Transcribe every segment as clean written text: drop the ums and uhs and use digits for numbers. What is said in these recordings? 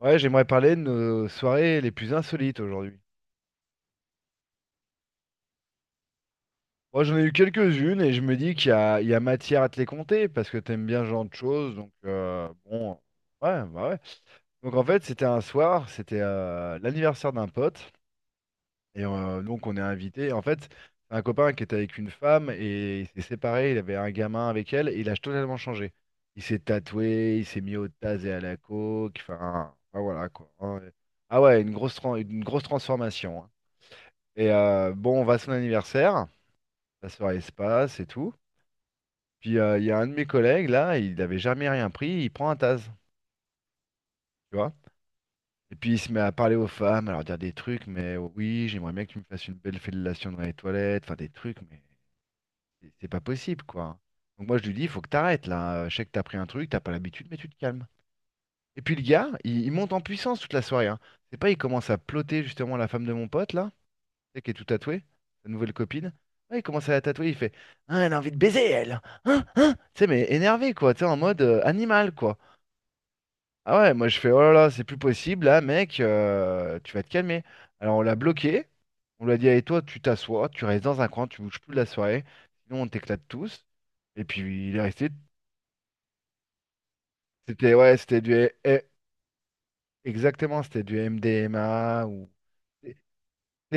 Ouais, j'aimerais parler de nos soirées les plus insolites aujourd'hui. Moi, j'en ai eu quelques-unes et je me dis qu'il y a matière à te les compter parce que t'aimes bien ce genre de choses. Donc, bon, ouais, bah ouais. Donc, en fait, c'était un soir, c'était l'anniversaire d'un pote et donc on est invité. En fait, c'est un copain qui était avec une femme et il s'est séparé, il avait un gamin avec elle et il a totalement changé. Il s'est tatoué, il s'est mis au taz et à la coke, voilà quoi, hein. Ah ouais, une grosse transformation, hein. Et bon, on va à son anniversaire, sa soirée se passe et tout. Puis il y a un de mes collègues là, il n'avait jamais rien pris, il prend un taz, tu vois. Et puis il se met à parler aux femmes, à leur dire des trucs, mais oui, j'aimerais bien que tu me fasses une belle fellation dans les toilettes, enfin des trucs, mais c'est pas possible quoi. Donc moi je lui dis, faut que t'arrêtes là, je sais que t'as pris un truc, t'as pas l'habitude, mais tu te calmes. Et puis le gars, il monte en puissance toute la soirée, hein. C'est pas, il commence à ploter justement la femme de mon pote là. Sais, qui est tout tatoué, sa nouvelle copine. Ouais, il commence à la tatouer, il fait Ah, elle a envie de baiser, elle! Hein? Hein? Tu sais, mais énervé, quoi, tu sais, en mode animal, quoi. Ah ouais, moi je fais Oh là là, c'est plus possible, là, mec, tu vas te calmer. Alors on l'a bloqué, on lui a dit Allez, toi, tu t'assois, tu restes dans un coin, tu bouges plus de la soirée, sinon on t'éclate tous. Et puis il est resté. C'était, ouais, c'était du. Exactement, c'était du MDMA ou. C'était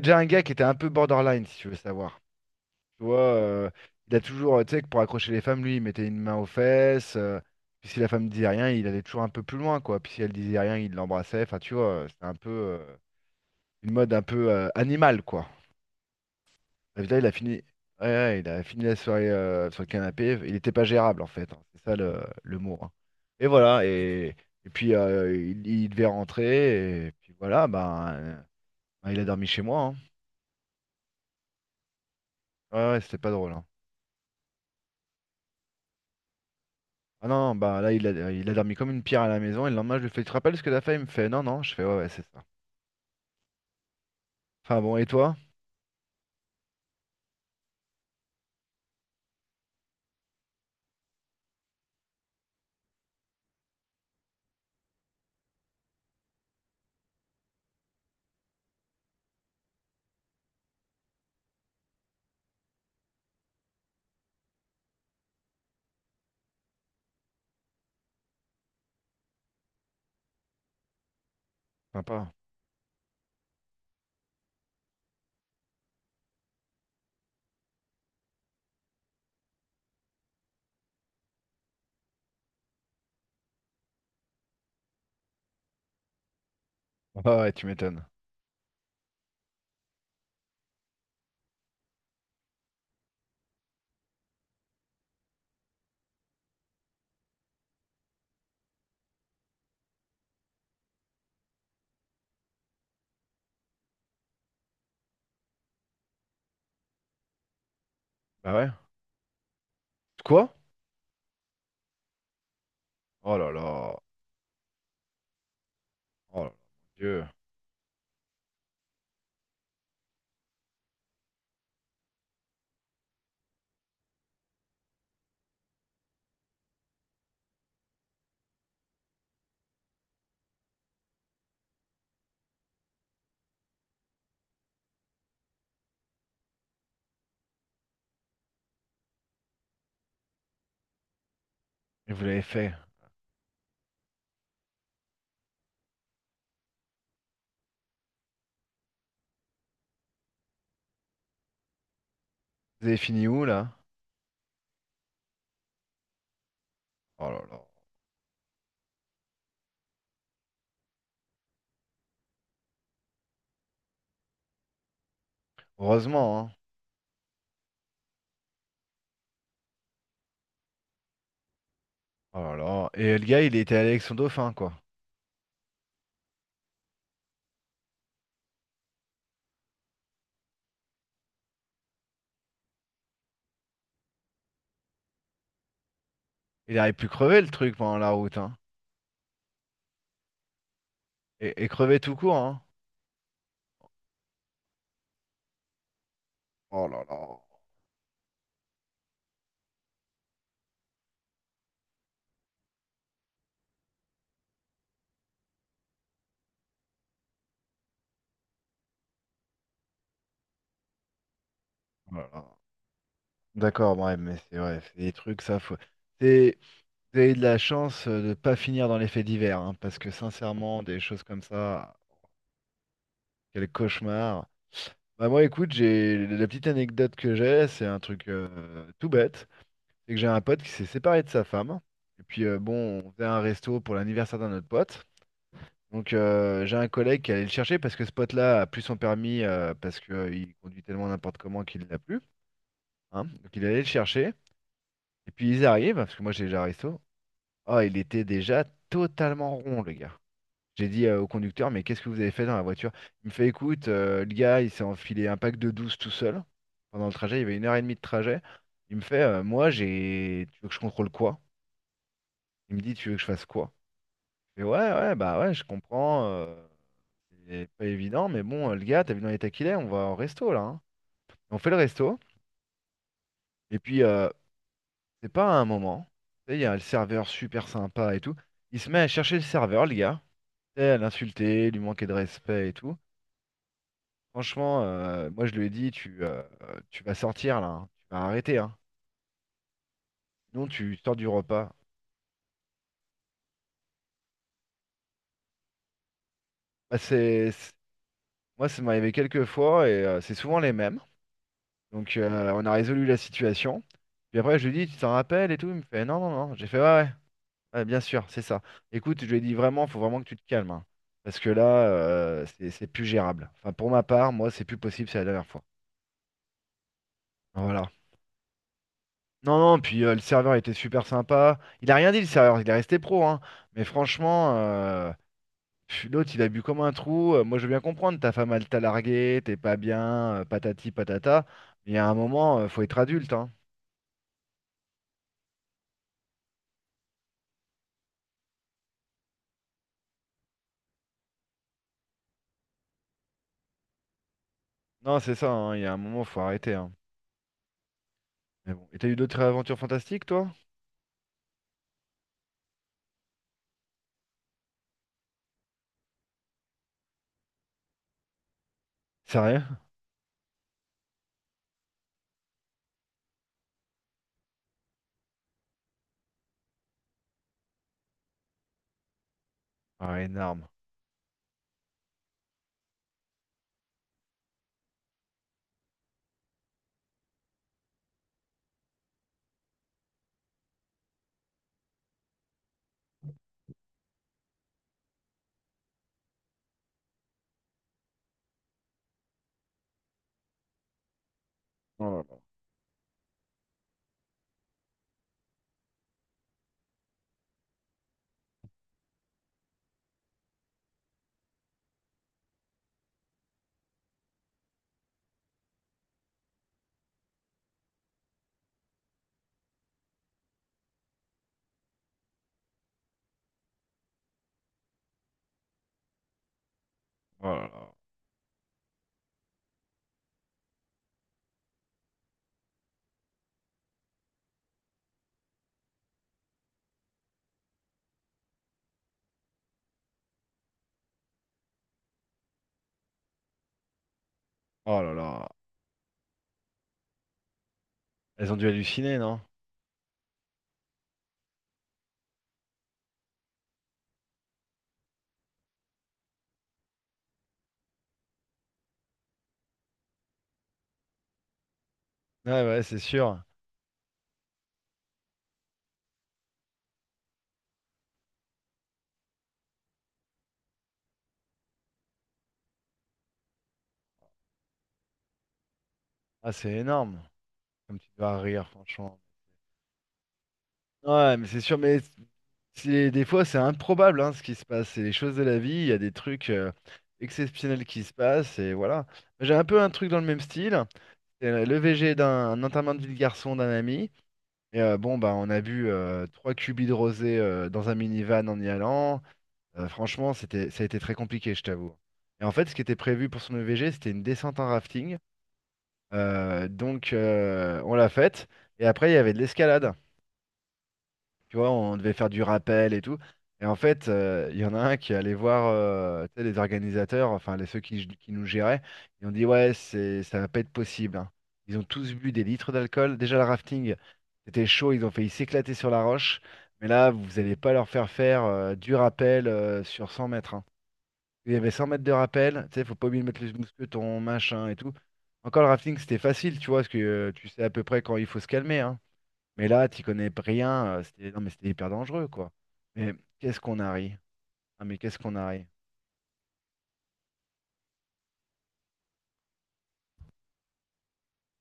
déjà un gars qui était un peu borderline, si tu veux savoir. Tu vois, il a toujours, tu sais, que pour accrocher les femmes, lui, il mettait une main aux fesses. Puis si la femme disait rien, il allait toujours un peu plus loin, quoi. Puis si elle disait rien, il l'embrassait. Enfin, tu vois, c'était un peu une mode un peu animale, quoi. David, là, il a fini, ouais, ouais, il a fini la soirée sur le canapé. Il n'était pas gérable, en fait, hein. C'est ça le mot, hein. Et voilà. Et puis il devait rentrer. Et puis voilà, ben, il a dormi chez moi, hein. Ouais, ouais, c'était pas drôle, hein. Ah non, non, bah là, il a dormi comme une pierre à la maison. Et le lendemain, je lui fais, tu te rappelles ce que t'as fait? Il me fait, non, non. Je fais, ouais, ouais, c'est ça. Enfin bon, et toi? Sympa. Ah ouais, tu m'étonnes. Bah ouais. Quoi? Oh là là. Oh là là, mon Dieu. Et vous l'avez fait. Vous avez fini où là? Oh là là. Heureusement, hein. Oh là là. Et le gars, il était allé avec son dauphin, quoi. Il aurait pu crever le truc pendant la route, hein. Et crever tout court, hein. Oh là là. Oh là là. D'accord, ouais, mais c'est ouais, c'est des trucs, ça faut. C'est Vous avez de la chance de ne pas finir dans les faits divers, hein, parce que sincèrement, des choses comme ça, quel cauchemar. Bah moi, écoute, j'ai la petite anecdote que j'ai, c'est un truc tout bête, c'est que j'ai un pote qui s'est séparé de sa femme. Et puis bon, on faisait un resto pour l'anniversaire d'un autre pote. Donc j'ai un collègue qui allait le chercher parce que ce pote-là a plus son permis parce qu'il conduit tellement n'importe comment qu'il l'a plus, hein. Donc il allait le chercher. Et puis ils arrivent, parce que moi j'ai déjà un resto. Oh, il était déjà totalement rond, le gars. J'ai dit au conducteur, mais qu'est-ce que vous avez fait dans la voiture? Il me fait, écoute, le gars, il s'est enfilé un pack de 12 tout seul. Pendant le trajet, il y avait une heure et demie de trajet. Il me fait, moi, j'ai. Tu veux que je contrôle quoi? Il me dit, tu veux que je fasse quoi? Je fais, ouais, ouais, bah ouais, je comprends. C'est pas évident, mais bon, le gars, t'as vu dans l'état qu'il est, on va au resto, là, hein. On fait le resto. Et puis, c'est pas à un moment. Tu sais, il y a le serveur super sympa et tout. Il se met à chercher le serveur, le gars. Tu sais, à l'insulter, lui manquer de respect et tout. Franchement, moi je lui ai dit, tu vas sortir là, hein. Tu vas arrêter, hein. Sinon tu sors du repas. Bah, moi ça m'est arrivé quelques fois et c'est souvent les mêmes. Donc on a résolu la situation. Puis après je lui ai dit, tu t'en rappelles et tout. Il me fait, non, non, non. J'ai fait, ouais, ouais, ouais, bien sûr, c'est ça. Écoute, je lui ai dit vraiment, faut vraiment que tu te calmes, hein. Parce que là, c'est plus gérable. Enfin, pour ma part, moi c'est plus possible, c'est la dernière fois. Voilà. Non, non, puis le serveur était super sympa. Il a rien dit, le serveur, il est resté pro, hein. Mais franchement, pff, l'autre, il a bu comme un trou. Moi, je veux bien comprendre, ta femme, elle t'a largué, t'es pas bien, patati patata. Mais il y a un moment, faut être adulte, hein. Non, c'est ça, hein, il y a un moment, faut arrêter, hein. Mais bon. Et t'as eu d'autres aventures fantastiques, toi? Sérieux? Ah, énorme. Oh là là. Oh là là. Oh là là. Elles ont dû halluciner, non? Ouais, ouais, c'est sûr. Ah, c'est énorme. Comme tu vas rire, franchement. Ouais, mais c'est sûr, mais des fois c'est improbable hein, ce qui se passe. C'est les choses de la vie, il y a des trucs exceptionnels qui se passent, et voilà. J'ai un peu un truc dans le même style. C'est le VG d'un enterrement de vie de garçon d'un ami. Et bon, bah, on a bu trois cubis de rosé dans un minivan en y allant. Franchement, c'était, ça a été très compliqué, je t'avoue. Et en fait, ce qui était prévu pour son E V G, c'était une descente en rafting. Donc, on l'a faite. Et après, il y avait de l'escalade. Tu vois, on devait faire du rappel et tout. Et en fait, il y en a un qui est allé voir tu sais, les organisateurs, enfin les ceux qui nous géraient. Ils ont dit, ouais, ça va pas être possible, hein. Ils ont tous bu des litres d'alcool. Déjà, le rafting, c'était chaud. Ils ont failli s'éclater sur la roche. Mais là, vous allez pas leur faire faire du rappel sur 100 mètres, hein. Il y avait 100 mètres de rappel. Tu sais, faut pas oublier de mettre le mousqueton, machin et tout. Encore le rafting, c'était facile, tu vois, parce que tu sais à peu près quand il faut se calmer, hein. Mais là, t'y connais rien. C'était, non, mais c'était hyper dangereux, quoi. Mais qu'est-ce qu'on a ri? Ah, mais qu'est-ce qu'on a ri?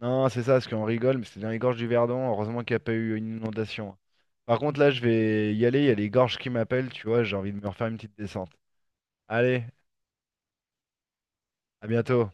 Non, c'est ça, parce qu'on rigole, mais c'est dans les gorges du Verdon. Heureusement qu'il n'y a pas eu une inondation, hein. Par contre, là, je vais y aller. Il y a les gorges qui m'appellent, tu vois. J'ai envie de me refaire une petite descente. Allez, à bientôt.